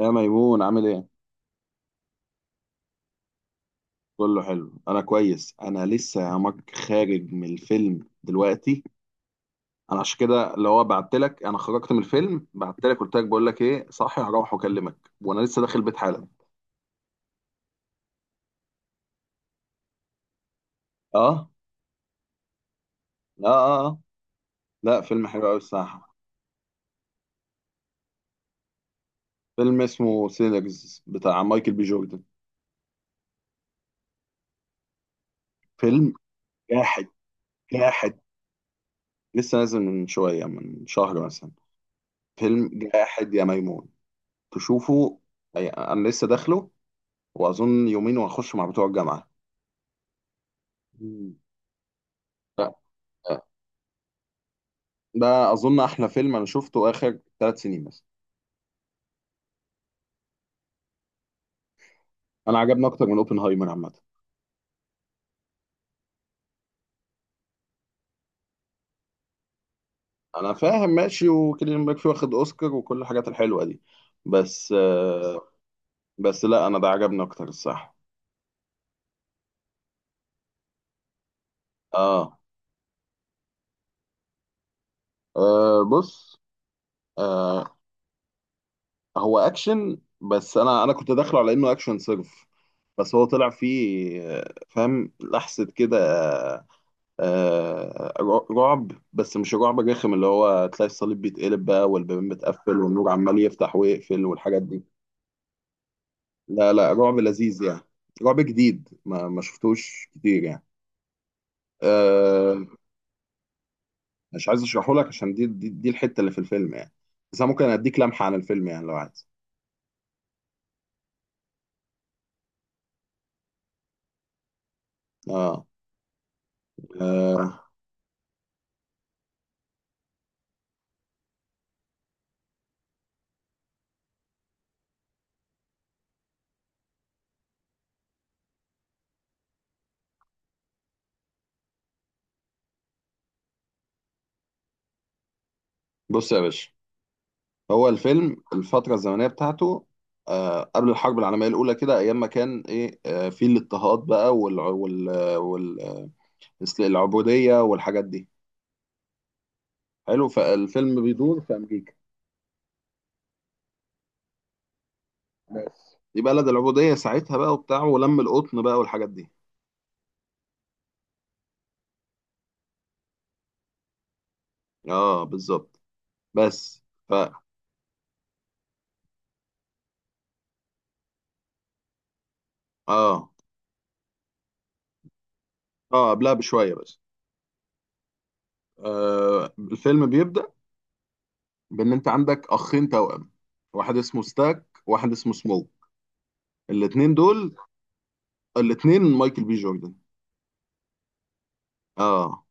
يا ميمون عامل ايه؟ كله حلو، انا كويس. انا لسه يا مك خارج من الفيلم دلوقتي. انا عشان كده اللي هو بعت لك، انا خرجت من الفيلم بعت لك، قلت لك بقول لك ايه، صاحي هروح واكلمك وانا لسه داخل البيت حالا. اه. لا، اه، اه. لا، فيلم حلو قوي الصراحه. فيلم اسمه سينرز بتاع مايكل بي جوردن. فيلم جاحد. جاحد. لسه نازل من شويه، من شهر مثلا. فيلم جاحد يا ميمون. تشوفه. انا لسه داخله. واظن يومين وهخش مع بتوع الجامعه. مم. لا، لا. ده اظن احلى فيلم انا شفته اخر 3 سنين مثلا. انا عجبني اكتر من اوبنهايمر عامه. انا فاهم، ماشي، وكيليان ميرفي واخد اوسكار وكل الحاجات الحلوه دي. بس. بس لا، انا ده عجبني اكتر الصح. اه، آه، بص. آه، هو اكشن، بس انا كنت داخله على انه اكشن صرف. بس هو طلع فيه فاهم لحظه كده. آه، رعب، بس مش الرعب الرخم اللي هو تلاقي الصليب بيتقلب بقى والبيبان بتقفل والنور عمال يفتح ويقفل والحاجات دي. لا، لا، رعب لذيذ يعني. رعب جديد ما شفتوش كتير يعني. أه. مش عايز اشرحه لك عشان دي الحتة اللي في الفيلم يعني. بس انا ممكن اديك لمحة عن الفيلم يعني لو عايز. اه. آه. بص يا باشا. هو الفيلم الفترة الزمنية بتاعته، قبل الحرب العالمية الأولى كده، أيام ما كان إيه في الاضطهاد بقى، وال وال مثل العبودية والحاجات دي. حلو. فالفيلم بيدور في أمريكا. بس دي بلد العبودية ساعتها بقى وبتاع ولم القطن بقى والحاجات دي. اه، بالظبط. بس ف اه، اه، قبلها بشوية بس. الفيلم بيبدأ بإن أنت عندك أخين توأم. واحد اسمه ستاك وواحد اسمه سموك. الاتنين دول الاتنين مايكل بي جوردن. اه.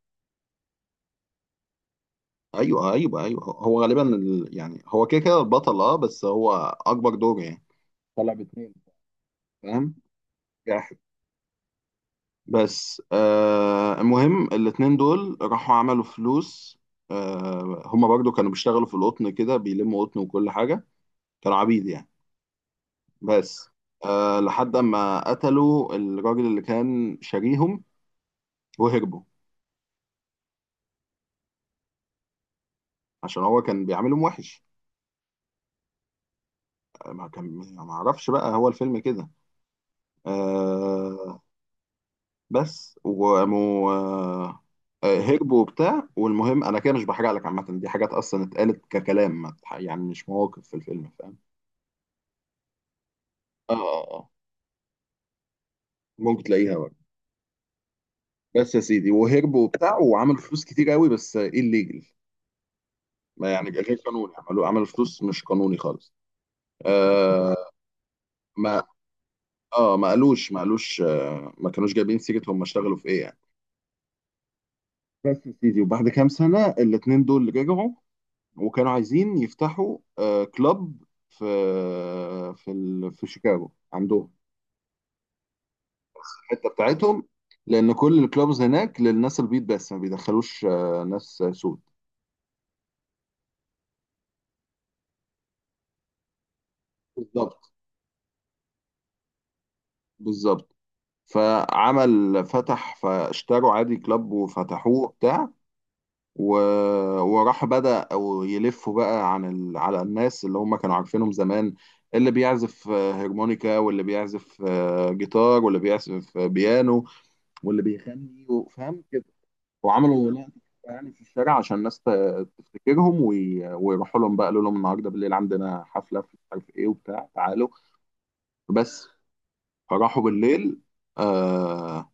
ايوه، ايوه، ايوه، هو غالبا يعني هو كده كده البطل، بس هو اكبر دور يعني. طلع باتنين. فاهم. بس المهم الاتنين دول راحوا عملوا فلوس. هما برضو كانوا بيشتغلوا في القطن كده، بيلموا قطن وكل حاجة. كانوا عبيد يعني. بس لحد ما قتلوا الراجل اللي كان شاريهم وهربوا. عشان هو كان بيعاملهم وحش. آه، ما كان ما اعرفش بقى، هو الفيلم كده. آه. بس وقاموا. هربوا وبتاع، والمهم انا كده مش بحرق لك. عامة دي حاجات اصلا اتقالت ككلام، يعني مش مواقف في الفيلم. اه، اه، اه. ممكن تلاقيها بقى. بس يا سيدي وهرب وبتاع وعمل فلوس كتير قوي بس ايه الليجل. ما يعني غير قانوني، عملوا عمل فلوس مش قانوني خالص. آه. ما اه، ما قالوش، ما كانوش جايبين سيرة هم اشتغلوا في ايه يعني. بس يا سيدي وبعد كام سنة الاتنين دول رجعوا. وكانوا عايزين يفتحوا كلاب في في شيكاغو عندهم. الحتة بتاعتهم. لأن كل الكلابز هناك للناس البيض، بس ما بيدخلوش ناس سود. بالظبط، بالظبط. فعمل فتح، فاشتروا عادي كلاب وفتحوه بتاع. و... وراح بدأ أو يلفوا بقى على الناس اللي هم كانوا عارفينهم زمان. اللي بيعزف هرمونيكا، واللي بيعزف جيتار، واللي بيعزف بيانو، واللي بيغني. فاهم كده. وعملوا لقطة يعني في الشارع عشان الناس تفتكرهم، ويروحوا لهم بقى. قالوا لهم النهارده بالليل عندنا حفلة في مش عارف ايه وبتاع، تعالوا. بس. فراحوا بالليل. آه،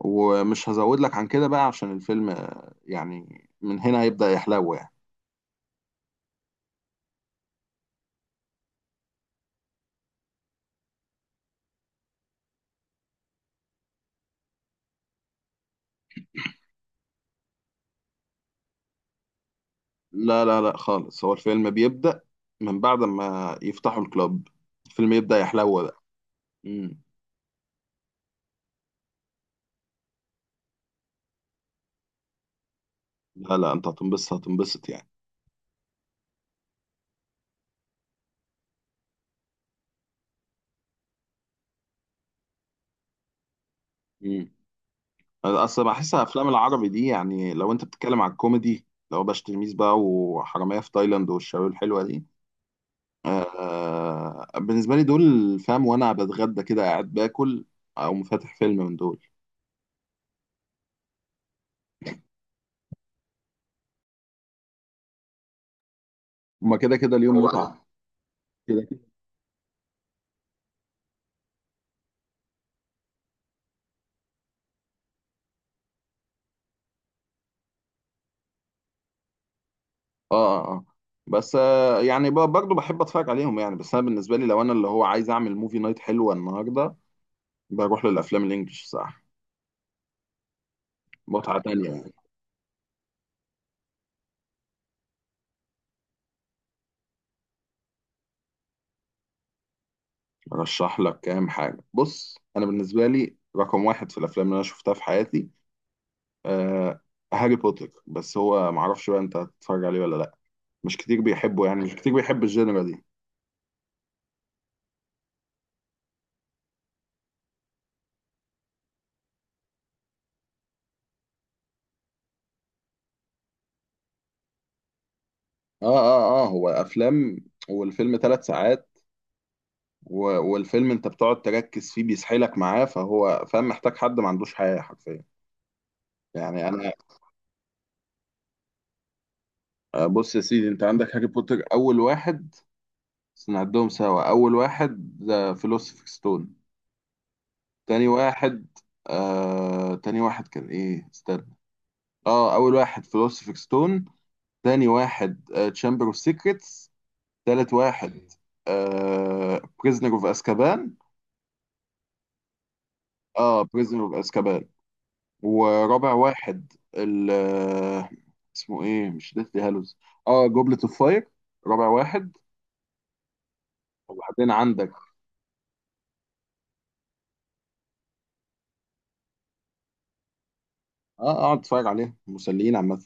ومش هزود لك عن كده بقى، عشان الفيلم يعني من هنا هيبدأ يحلو يعني. لا، لا، لا، خالص هو الفيلم بيبدأ من بعد ما يفتحوا الكلاب. الفيلم يبدأ يحلو بقى. مم. لا، لا، انت هتنبسط هتنبسط يعني. مم. أنا اصل بحس افلام العربي دي، يعني لو انت بتتكلم على الكوميدي، لو باش تلميذ بقى، وحرامية في تايلاند، والشباب الحلوة دي. بالنسبة لي دول، فاهم، وانا بتغدى كده قاعد باكل او فاتح فيلم من دول. هما كده كده اليوم متعة كده. اه، اه، آه. بس يعني برضه بحب اتفرج عليهم يعني. بس انا بالنسبه لي لو انا اللي هو عايز اعمل موفي نايت حلوه النهارده، بروح للافلام الانجليش صح. متعه تانية يعني. ارشح لك كام حاجه. بص، انا بالنسبه لي رقم واحد في الافلام اللي انا شفتها في حياتي آه هاري بوتر. بس هو معرفش بقى انت هتتفرج عليه ولا لا. مش كتير بيحبه يعني، مش كتير بيحب الجينرا دي. اه، اه، اه، هو افلام. والفيلم 3 ساعات. والفيلم انت بتقعد تركز فيه بيسحلك معاه، فهو فاهم محتاج حد ما عندوش حياه حرفيا يعني. انا بص يا سيدي، انت عندك هاري بوتر اول واحد. بس نعدهم سوا، اول واحد ذا فيلوسوفر ستون. تاني واحد. تاني واحد كان ايه، استنى. اه، اول واحد فيلوسوفر ستون. تاني واحد تشامبر اوف سيكريتس. تالت واحد بريزنر اوف اسكابان. اه، بريزنر اوف اسكابان. ورابع واحد ال آه، اسمه ايه، مش ديثلي هالوز. اه، جوبلت اوف فاير، رابع واحد. وبعدين عندك. اقعد اتفرج عليه، مسليين عامة.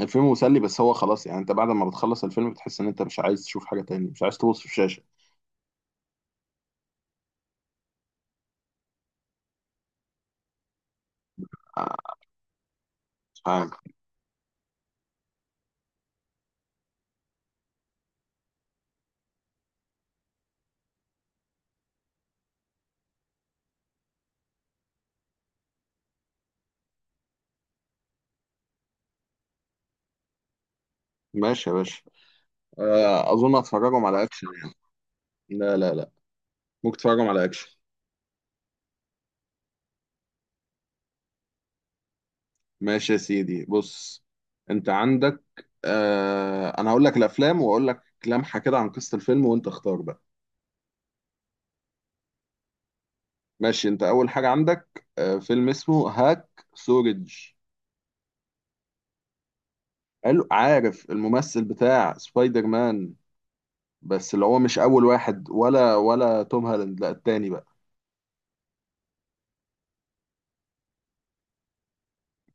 الفيلم مسلي، بس هو خلاص يعني انت بعد ما بتخلص الفيلم بتحس ان انت مش عايز تشوف حاجة تاني، مش عايز تبص في الشاشة. آه، مش عارف. ماشي يا باشا. اظن هتفرجهم على اكشن يعني. لا، لا، لا. ممكن تفرجهم على اكشن. ماشي يا سيدي، بص. انت عندك انا هقول لك الافلام واقول لك لمحة كده عن قصة الفيلم، وانت اختار بقى. ماشي، انت اول حاجة عندك فيلم اسمه هاك سورج. حلو، عارف الممثل بتاع سبايدر مان؟ بس اللي هو مش اول واحد، ولا توم هالاند، لا التاني بقى.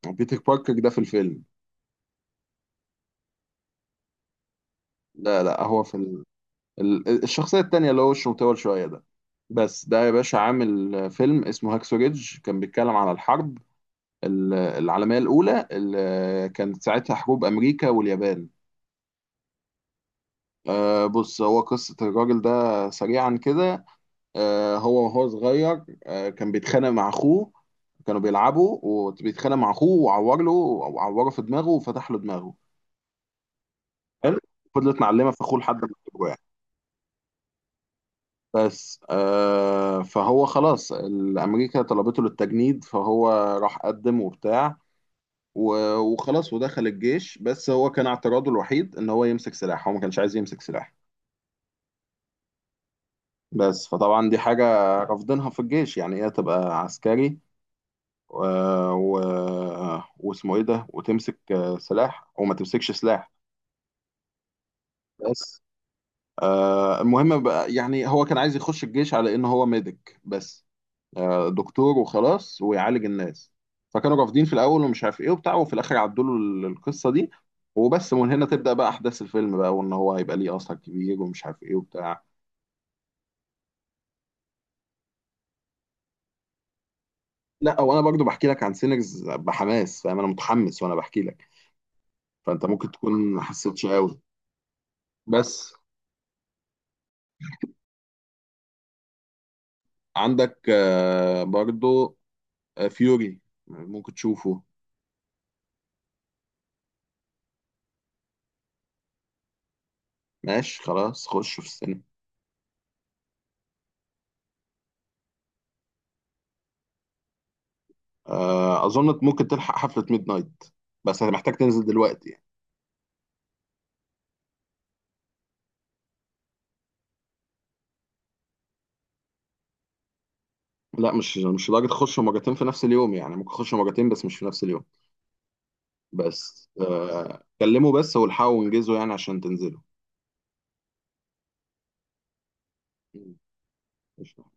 بيتر باركر ده في الفيلم. لا، لا، هو في الشخصيه التانيه اللي هو وشه مطول شويه ده. بس ده يا باشا عامل فيلم اسمه هاكسو ريدج كان بيتكلم على الحرب العالميه الاولى، اللي كانت ساعتها حروب امريكا واليابان. بص، هو قصة الراجل ده سريعا كده. هو وهو صغير كان بيتخانق مع أخوه. كانوا بيلعبوا وبيتخانق مع أخوه، وعور له وعوره في دماغه وفتح له دماغه. حلو. فضلت معلمه في اخوه لحد ما جابوه يعني. بس فهو خلاص الامريكا طلبته للتجنيد، فهو راح قدم وبتاع. وخلاص ودخل الجيش، بس هو كان اعتراضه الوحيد ان هو يمسك سلاح، هو ما كانش عايز يمسك سلاح. بس فطبعا دي حاجة رافضينها في الجيش، يعني ايه تبقى عسكري و... و... واسمه ايه ده وتمسك سلاح وما تمسكش سلاح. بس المهم بقى يعني هو كان عايز يخش الجيش على ان هو ميديك بس، دكتور وخلاص ويعالج الناس. فكانوا رافضين في الاول ومش عارف ايه وبتاع، وفي الاخر عدوا له القصه دي. وبس، ومن هنا تبدا بقى احداث الفيلم بقى، وان هو هيبقى ليه اثر كبير ومش عارف ايه وبتاع. لا، وانا برضو بحكي لك عن سينرز بحماس، فاهم انا متحمس وانا بحكي لك، فانت ممكن تكون ما حسيتش قوي. بس عندك برضو فيوري، ممكن تشوفه. ماشي خلاص، خش في السينما. اظن ممكن تلحق حفله ميد نايت، بس محتاج تنزل دلوقتي. لا، مش لدرجة اخش مرتين في نفس اليوم، يعني ممكن اخش مرتين بس مش في نفس اليوم. بس كلموا بس والحقوا وانجزوا يعني عشان تنزلوا. مم. قشطة.